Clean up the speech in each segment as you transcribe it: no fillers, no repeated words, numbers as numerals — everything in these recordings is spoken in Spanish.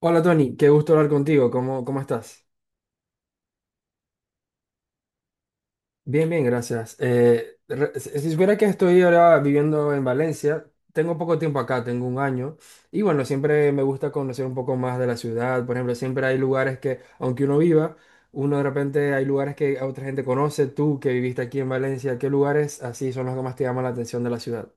Hola Tony, qué gusto hablar contigo. ¿Cómo estás? Bien, bien, gracias. Si supiera que estoy ahora viviendo en Valencia, tengo poco tiempo acá, tengo un año, y bueno, siempre me gusta conocer un poco más de la ciudad. Por ejemplo, siempre hay lugares que, aunque uno viva, uno de repente hay lugares que a otra gente conoce. Tú que viviste aquí en Valencia, ¿qué lugares así son los que más te llaman la atención de la ciudad?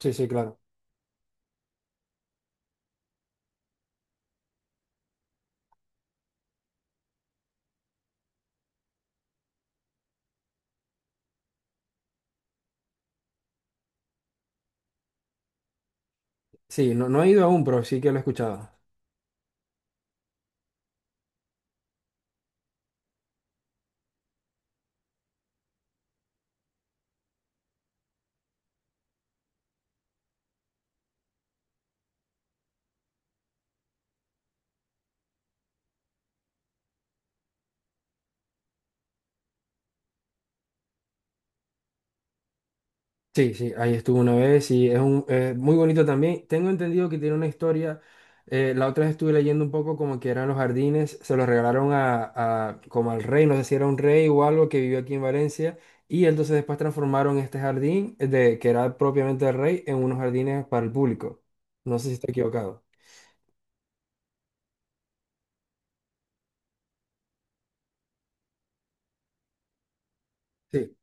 Sí, sí, claro. Sí, no, no he ido aún, pero sí que lo he escuchado. Sí, sí, ahí estuvo una vez y es un, muy bonito también. Tengo entendido que tiene una historia. La otra vez estuve leyendo un poco como que eran los jardines, se los regalaron a, como al rey, no sé si era un rey o algo que vivió aquí en Valencia y entonces después transformaron este jardín de que era propiamente del rey en unos jardines para el público. No sé si estoy equivocado. Sí,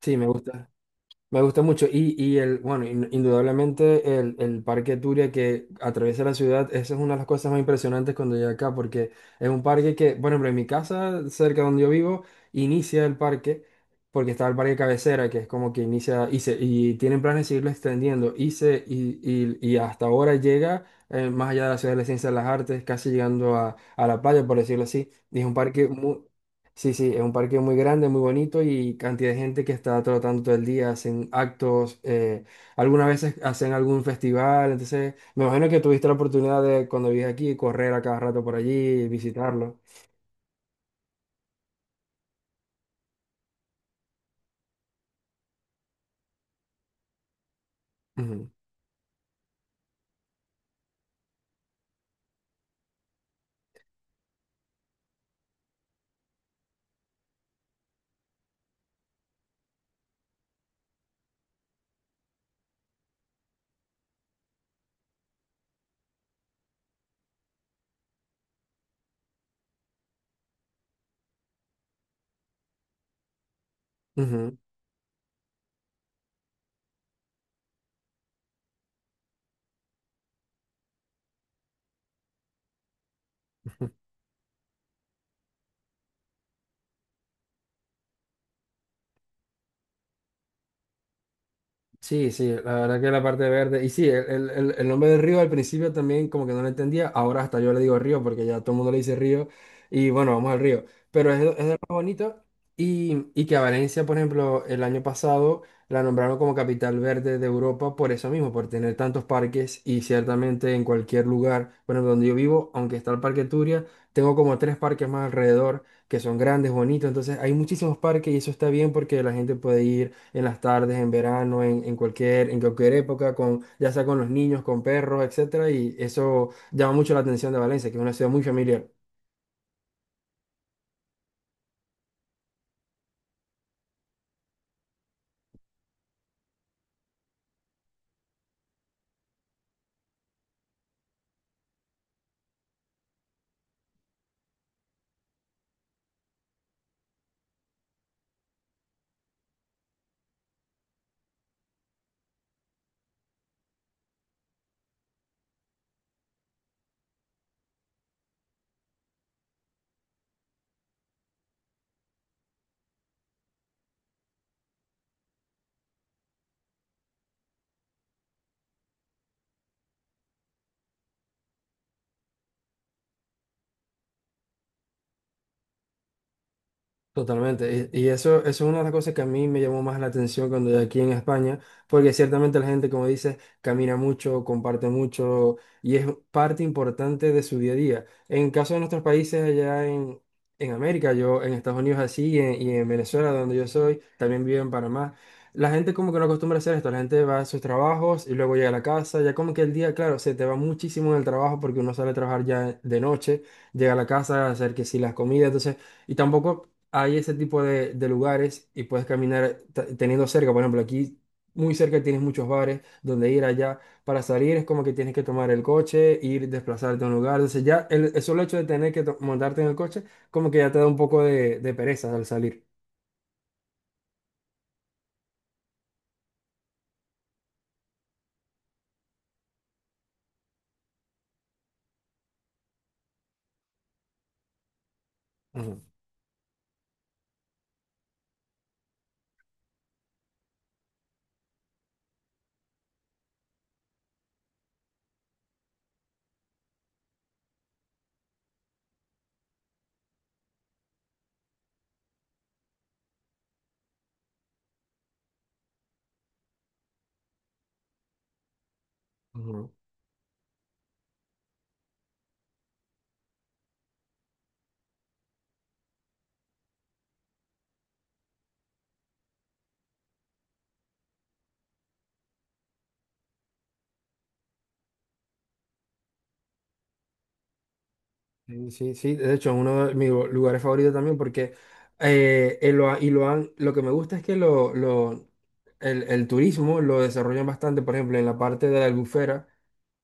sí, me gusta. Me gusta mucho. Y el, bueno, indudablemente el Parque Turia que atraviesa la ciudad, esa es una de las cosas más impresionantes cuando llegué acá, porque es un parque que, por ejemplo, en mi casa, cerca donde yo vivo, inicia el parque, porque está el parque cabecera, que es como que inicia, y, se, y tienen planes de seguirlo extendiendo, y, se, y, y hasta ahora llega más allá de la ciudad de la ciencia de las artes, casi llegando a la playa, por decirlo así. Y es un parque muy, Sí, sí, es un parque muy grande, muy bonito y cantidad de gente que está trotando todo el día, hacen actos, algunas veces hacen algún festival, entonces me imagino que tuviste la oportunidad de cuando vives aquí correr a cada rato por allí, visitarlo. Ujú, ujú. Sí, sí, la verdad que la parte verde. Y sí, el, el nombre del río al principio también como que no lo entendía. Ahora hasta yo le digo río porque ya todo el mundo le dice río. Y bueno, vamos al río. Pero es de lo más bonito. Y que a Valencia, por ejemplo, el año pasado la nombraron como capital verde de Europa por eso mismo, por tener tantos parques. Y ciertamente en cualquier lugar, bueno, donde yo vivo, aunque está el Parque Turia, tengo como tres parques más alrededor que son grandes, bonitos. Entonces hay muchísimos parques y eso está bien porque la gente puede ir en las tardes, en verano, en cualquier época, con, ya sea con los niños, con perros, etcétera, y eso llama mucho la atención de Valencia, que es una ciudad muy familiar. Totalmente. Y eso, eso es una de las cosas que a mí me llamó más la atención cuando yo aquí en España, porque ciertamente la gente, como dices, camina mucho, comparte mucho y es parte importante de su día a día. En caso de nuestros países allá en América, yo en Estados Unidos así y en Venezuela, donde yo soy, también vivo en Panamá, la gente como que no acostumbra a hacer esto. La gente va a sus trabajos y luego llega a la casa, ya como que el día, claro, se te va muchísimo en el trabajo porque uno sale a trabajar ya de noche, llega a la casa a hacer que si las comidas, entonces... Y tampoco hay ese tipo de lugares y puedes caminar teniendo cerca, por ejemplo, aquí muy cerca tienes muchos bares donde ir allá. Para salir es como que tienes que tomar el coche, ir, desplazarte a un lugar. Entonces ya el solo hecho de tener que montarte en el coche, como que ya te da un poco de pereza al salir. Ujú, ujú. Sí, sí, sí. De hecho, es uno de mis lugares favoritos también porque lo, y lo, han, lo que me gusta es que lo, el turismo lo desarrollan bastante, por ejemplo, en la parte de la Albufera,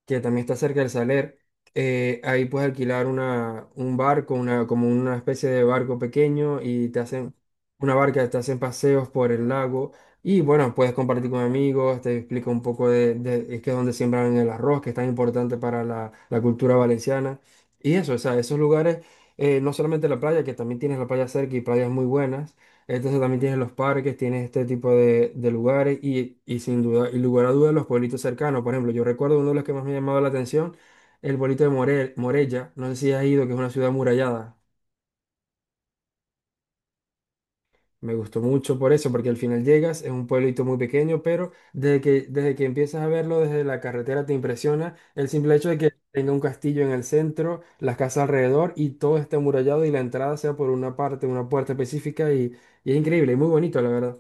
que también está cerca del Saler, ahí puedes alquilar una, un barco, una, como una especie de barco pequeño y te hacen una barca, te hacen paseos por el lago y bueno, puedes compartir con amigos, te explico un poco de, es que es donde siembran el arroz, que es tan importante para la, la cultura valenciana y eso, o sea, esos lugares, no solamente la playa, que también tienes la playa cerca y playas muy buenas. Entonces también tienes los parques, tienes este tipo de lugares y sin duda, y lugar a duda los pueblitos cercanos. Por ejemplo, yo recuerdo uno de los que más me ha llamado la atención, el pueblito de Morella. No sé si has ido, que es una ciudad amurallada. Me gustó mucho por eso, porque al final llegas, es un pueblito muy pequeño, pero desde que empiezas a verlo desde la carretera te impresiona el simple hecho de que tenga un castillo en el centro, las casas alrededor y todo esté amurallado y la entrada sea por una parte, una puerta específica y es increíble y muy bonito, la verdad.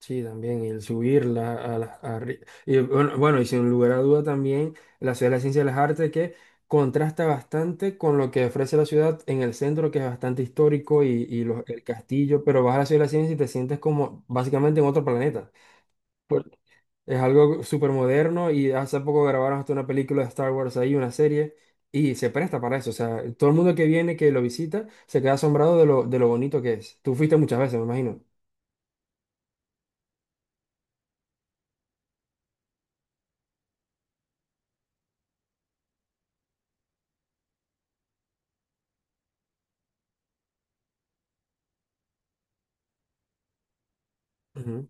Sí, también y el subirla a las... Y bueno, bueno, y sin lugar a duda también la Ciudad de la Ciencia y las Artes que contrasta bastante con lo que ofrece la ciudad en el centro, que es bastante histórico, y el castillo, pero vas a la Ciudad de la Ciencia y te sientes como básicamente en otro planeta. Pues, es algo súper moderno y hace poco grabaron hasta una película de Star Wars ahí, una serie, y se presta para eso. O sea, todo el mundo que viene, que lo visita, se queda asombrado de lo bonito que es. Tú fuiste muchas veces, me imagino. Ujú.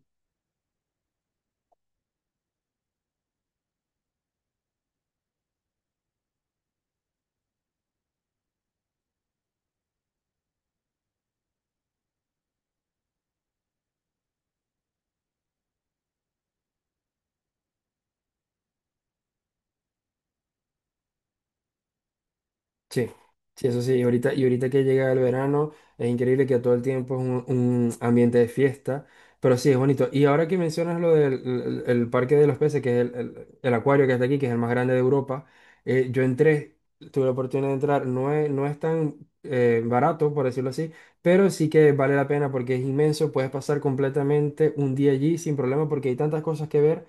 Sí, sí, eso sí. Y ahorita que llega el verano, es increíble que todo el tiempo es un ambiente de fiesta, pero sí, es bonito. Y ahora que mencionas lo del el Parque de los Peces, que es el, el acuario que está aquí, que es el más grande de Europa, yo entré, tuve la oportunidad de entrar, no es, no es tan barato, por decirlo así, pero sí que vale la pena porque es inmenso, puedes pasar completamente un día allí sin problema porque hay tantas cosas que ver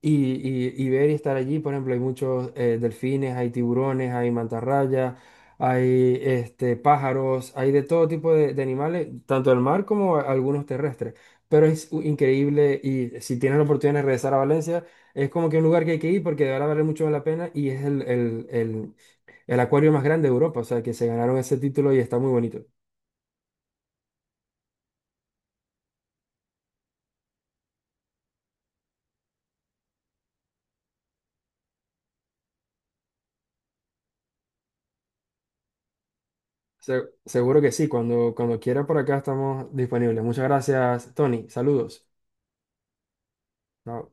y, y ver y estar allí. Por ejemplo, hay muchos delfines, hay tiburones, hay mantarrayas, hay este, pájaros, hay de todo tipo de animales, tanto del mar como algunos terrestres. Pero es increíble y si tienes la oportunidad de regresar a Valencia, es como que un lugar que hay que ir porque de verdad vale mucho la pena y es el acuario más grande de Europa, o sea, que se ganaron ese título y está muy bonito. Seguro que sí, cuando, cuando quiera por acá estamos disponibles. Muchas gracias, Tony. Saludos. Chao.